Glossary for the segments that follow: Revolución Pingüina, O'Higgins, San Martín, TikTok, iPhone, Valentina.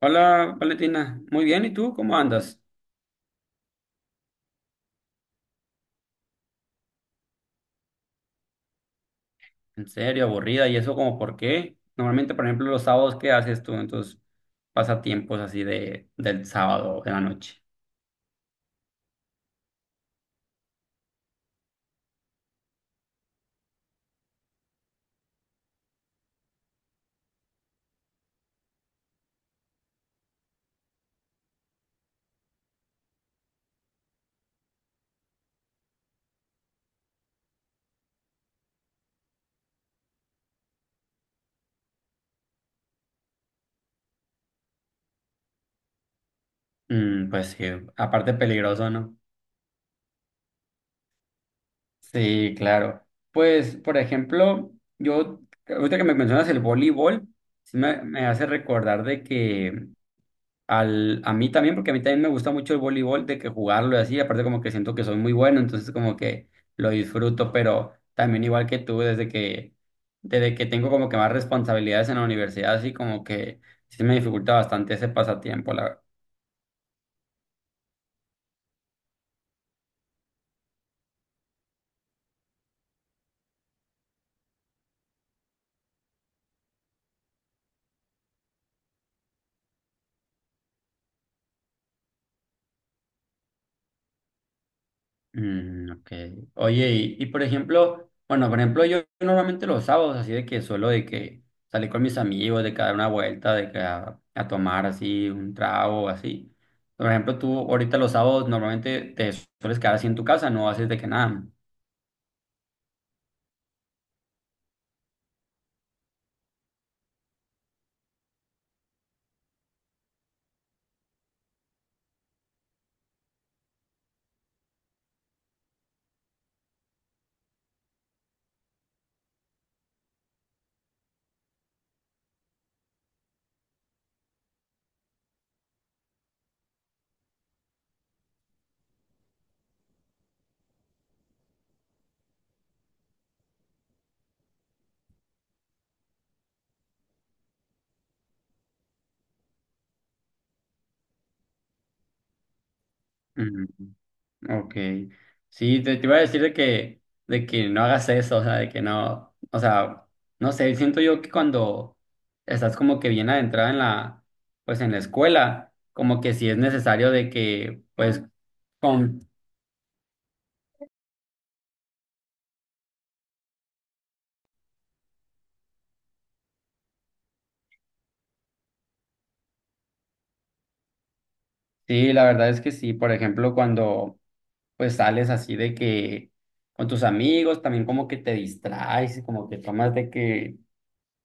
Hola, Valentina. Muy bien, ¿y tú cómo andas? En serio, aburrida, ¿y eso como por qué? Normalmente, por ejemplo, los sábados, ¿qué haces tú en tus pasatiempos así del sábado de la noche? Mm, pues sí, aparte peligroso, ¿no? Sí, claro. Pues, por ejemplo, yo, ahorita que me mencionas el voleibol, sí me hace recordar de que a mí también, porque a mí también me gusta mucho el voleibol, de que jugarlo y así, aparte como que siento que soy muy bueno, entonces como que lo disfruto, pero también igual que tú, desde que tengo como que más responsabilidades en la universidad, así como que sí me dificulta bastante ese pasatiempo, la Mm, ok. Oye, y por ejemplo, bueno, por ejemplo, yo normalmente los sábados, así de que suelo de que salir con mis amigos, de que dar una vuelta, de que a tomar así un trago, así. Por ejemplo, tú ahorita los sábados normalmente te sueles quedar así en tu casa, no haces de que nada. Ok. Sí, te iba a decir de que no hagas eso, o sea, de que no, o sea, no sé, siento yo que cuando estás como que bien adentrada pues en la escuela, como que sí es necesario de que, pues, con, sí, la verdad es que sí, por ejemplo, cuando pues sales así de que con tus amigos, también como que te distraes, y como que tomas de que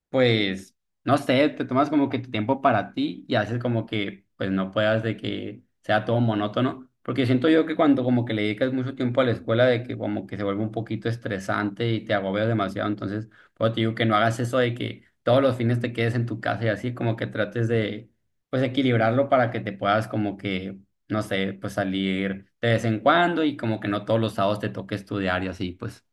pues, no sé, te tomas como que tu tiempo para ti y haces como que, pues, no puedas de que sea todo monótono, porque siento yo que cuando como que le dedicas mucho tiempo a la escuela, de que como que se vuelve un poquito estresante y te agobias demasiado, entonces, pues, te digo que no hagas eso de que todos los fines te quedes en tu casa y así, como que trates de, pues, equilibrarlo para que te puedas como que, no sé, pues, salir de vez en cuando y como que no todos los sábados te toque estudiar y así, pues.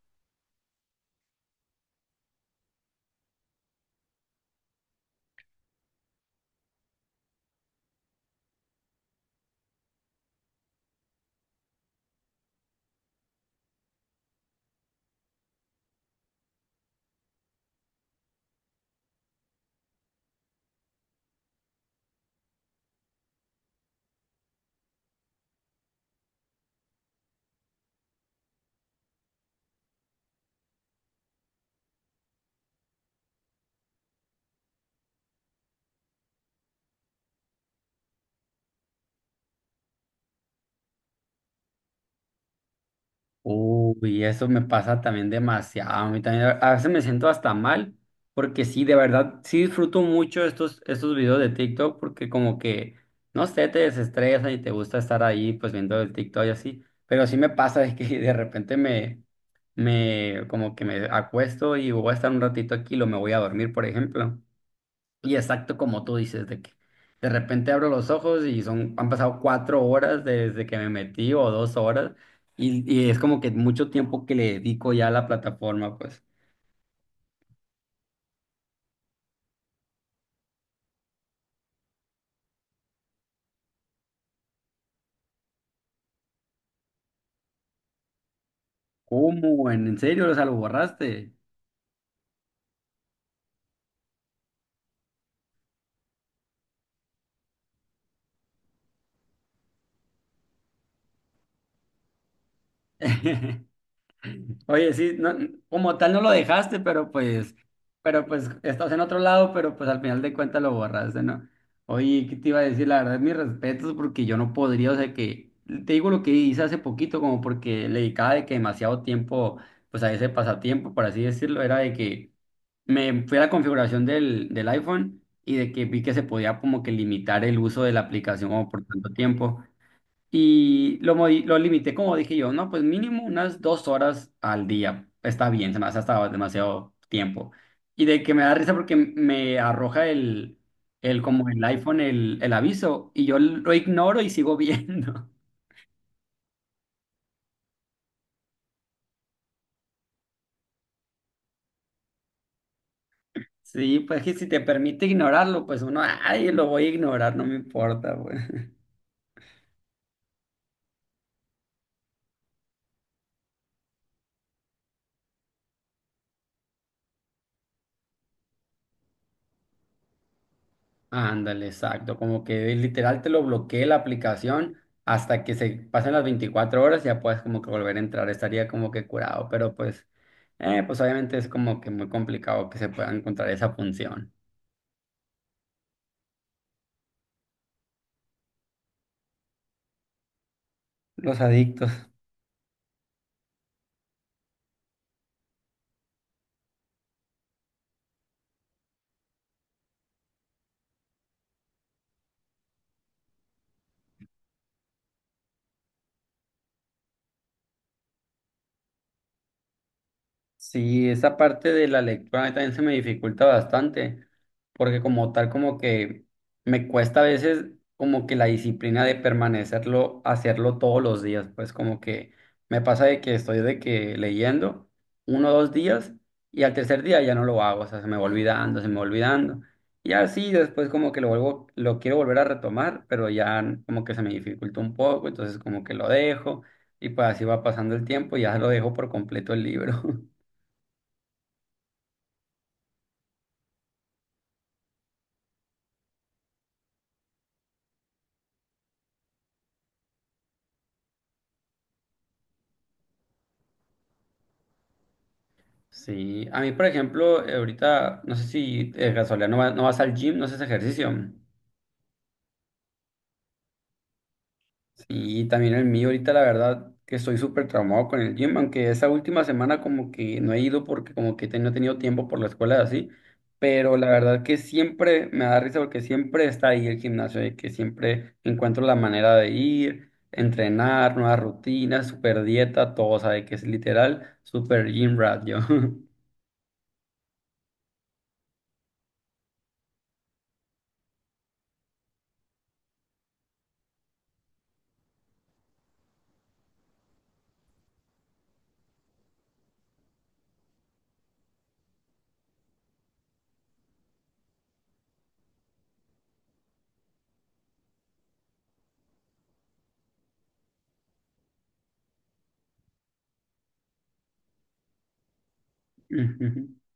Uy, eso me pasa también demasiado. A mí también, a veces me siento hasta mal, porque sí, de verdad, sí disfruto mucho estos videos de TikTok, porque como que, no sé, te desestresa y te gusta estar ahí, pues viendo el TikTok y así. Pero sí me pasa es que de repente como que me acuesto y voy a estar un ratito aquí y lo me voy a dormir, por ejemplo. Y exacto como tú dices, de que de repente abro los ojos y han pasado 4 horas desde que me metí o 2 horas y es como que mucho tiempo que le dedico ya a la plataforma, pues. ¿Cómo? ¿En serio? O sea, lo borraste. Oye, sí, como tal no lo dejaste, pero pues estás en otro lado, pero pues al final de cuentas lo borraste, ¿no? Oye, ¿qué te iba a decir? La verdad, mis respetos, porque yo no podría, o sea que, te digo lo que hice hace poquito, como porque le dedicaba de que demasiado tiempo, pues a ese pasatiempo, por así decirlo, era de que me fui a la configuración del iPhone y de que vi que se podía como que limitar el uso de la aplicación como por tanto tiempo. Y lo limité, como dije yo, no, pues mínimo unas 2 horas al día. Está bien, se me hace hasta demasiado tiempo. Y de que me da risa porque me arroja el como el iPhone, el aviso, y yo lo ignoro y sigo viendo. Sí, pues que si te permite ignorarlo, pues uno, ay, lo voy a ignorar, no me importa, Ándale, exacto. Como que literal te lo bloquee la aplicación hasta que se pasen las 24 horas y ya puedes como que volver a entrar. Estaría como que curado, pero pues, pues obviamente es como que muy complicado que se pueda encontrar esa función. Los adictos. Sí, esa parte de la lectura a mí también se me dificulta bastante, porque como tal como que me cuesta a veces como que la disciplina de permanecerlo, hacerlo todos los días, pues como que me pasa de que estoy de que leyendo 1 o 2 días y al tercer día ya no lo hago, o sea, se me va olvidando, se me va olvidando. Y así después como que lo vuelvo, lo quiero volver a retomar, pero ya como que se me dificulta un poco, entonces como que lo dejo y pues así va pasando el tiempo y ya lo dejo por completo el libro. Sí, a mí, por ejemplo, ahorita, no sé si de casualidad no, no vas al gym, no haces ejercicio. Sí, también el mío, ahorita la verdad que estoy súper traumado con el gym, aunque esa última semana como que no he ido porque como que no he tenido tiempo por la escuela y así, pero la verdad que siempre me da risa porque siempre está ahí el gimnasio, de que siempre encuentro la manera de ir, entrenar, nuevas rutinas, super dieta, todo, o sea, de que es literal, super gym rat yo.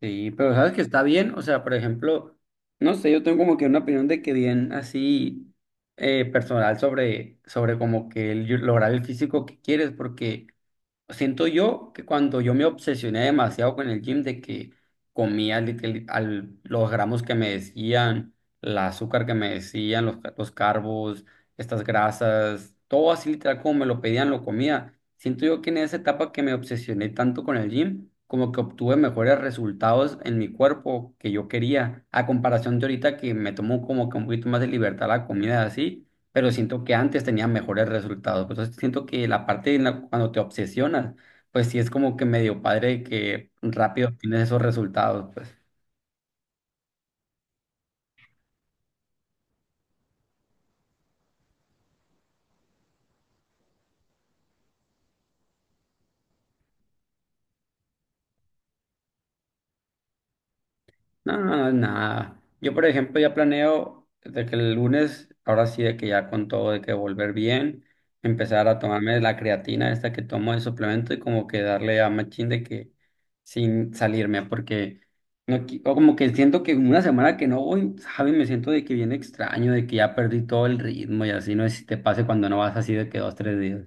Sí, pero sabes que está bien, o sea, por ejemplo, no sé, yo tengo como que una opinión de que bien así personal sobre como que lograr el físico que quieres, porque siento yo que cuando yo me obsesioné demasiado con el gym, de que comía los gramos que me decían, el azúcar que me decían, los carbos, estas grasas, todo así literal como me lo pedían, lo comía. Siento yo que en esa etapa que me obsesioné tanto con el gym, como que obtuve mejores resultados en mi cuerpo que yo quería, a comparación de ahorita que me tomo como que un poquito más de libertad la comida así, pero siento que antes tenía mejores resultados. Pues, entonces siento que la parte en cuando te obsesionas, pues sí es como que medio padre que rápido tienes esos resultados, pues. No, no no, nada. Yo, por ejemplo, ya planeo de que el lunes, ahora sí, de que ya con todo, de que volver bien, empezar a tomarme la creatina esta que tomo de suplemento y como que darle a machín de que sin salirme, porque no, o como que siento que una semana que no voy, ¿sabes? Me siento de que viene extraño, de que ya perdí todo el ritmo y así, no sé si te pase cuando no vas así de que 2, 3 días.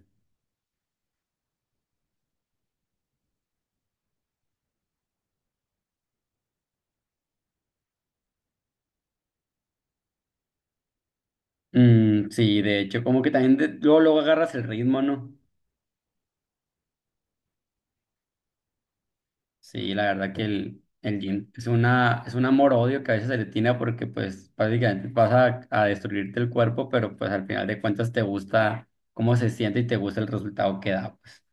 Mm, sí, de hecho, como que también luego, luego agarras el ritmo, ¿no? Sí, la verdad que el gym es una, es un amor-odio que a veces se le tiene porque pues prácticamente vas a destruirte el cuerpo, pero pues al final de cuentas te gusta cómo se siente y te gusta el resultado que da, pues.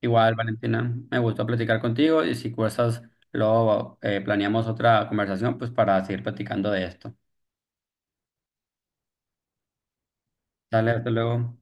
Igual, Valentina, me gustó platicar contigo y si gustas, luego planeamos otra conversación pues para seguir platicando de esto. Dale, hasta luego.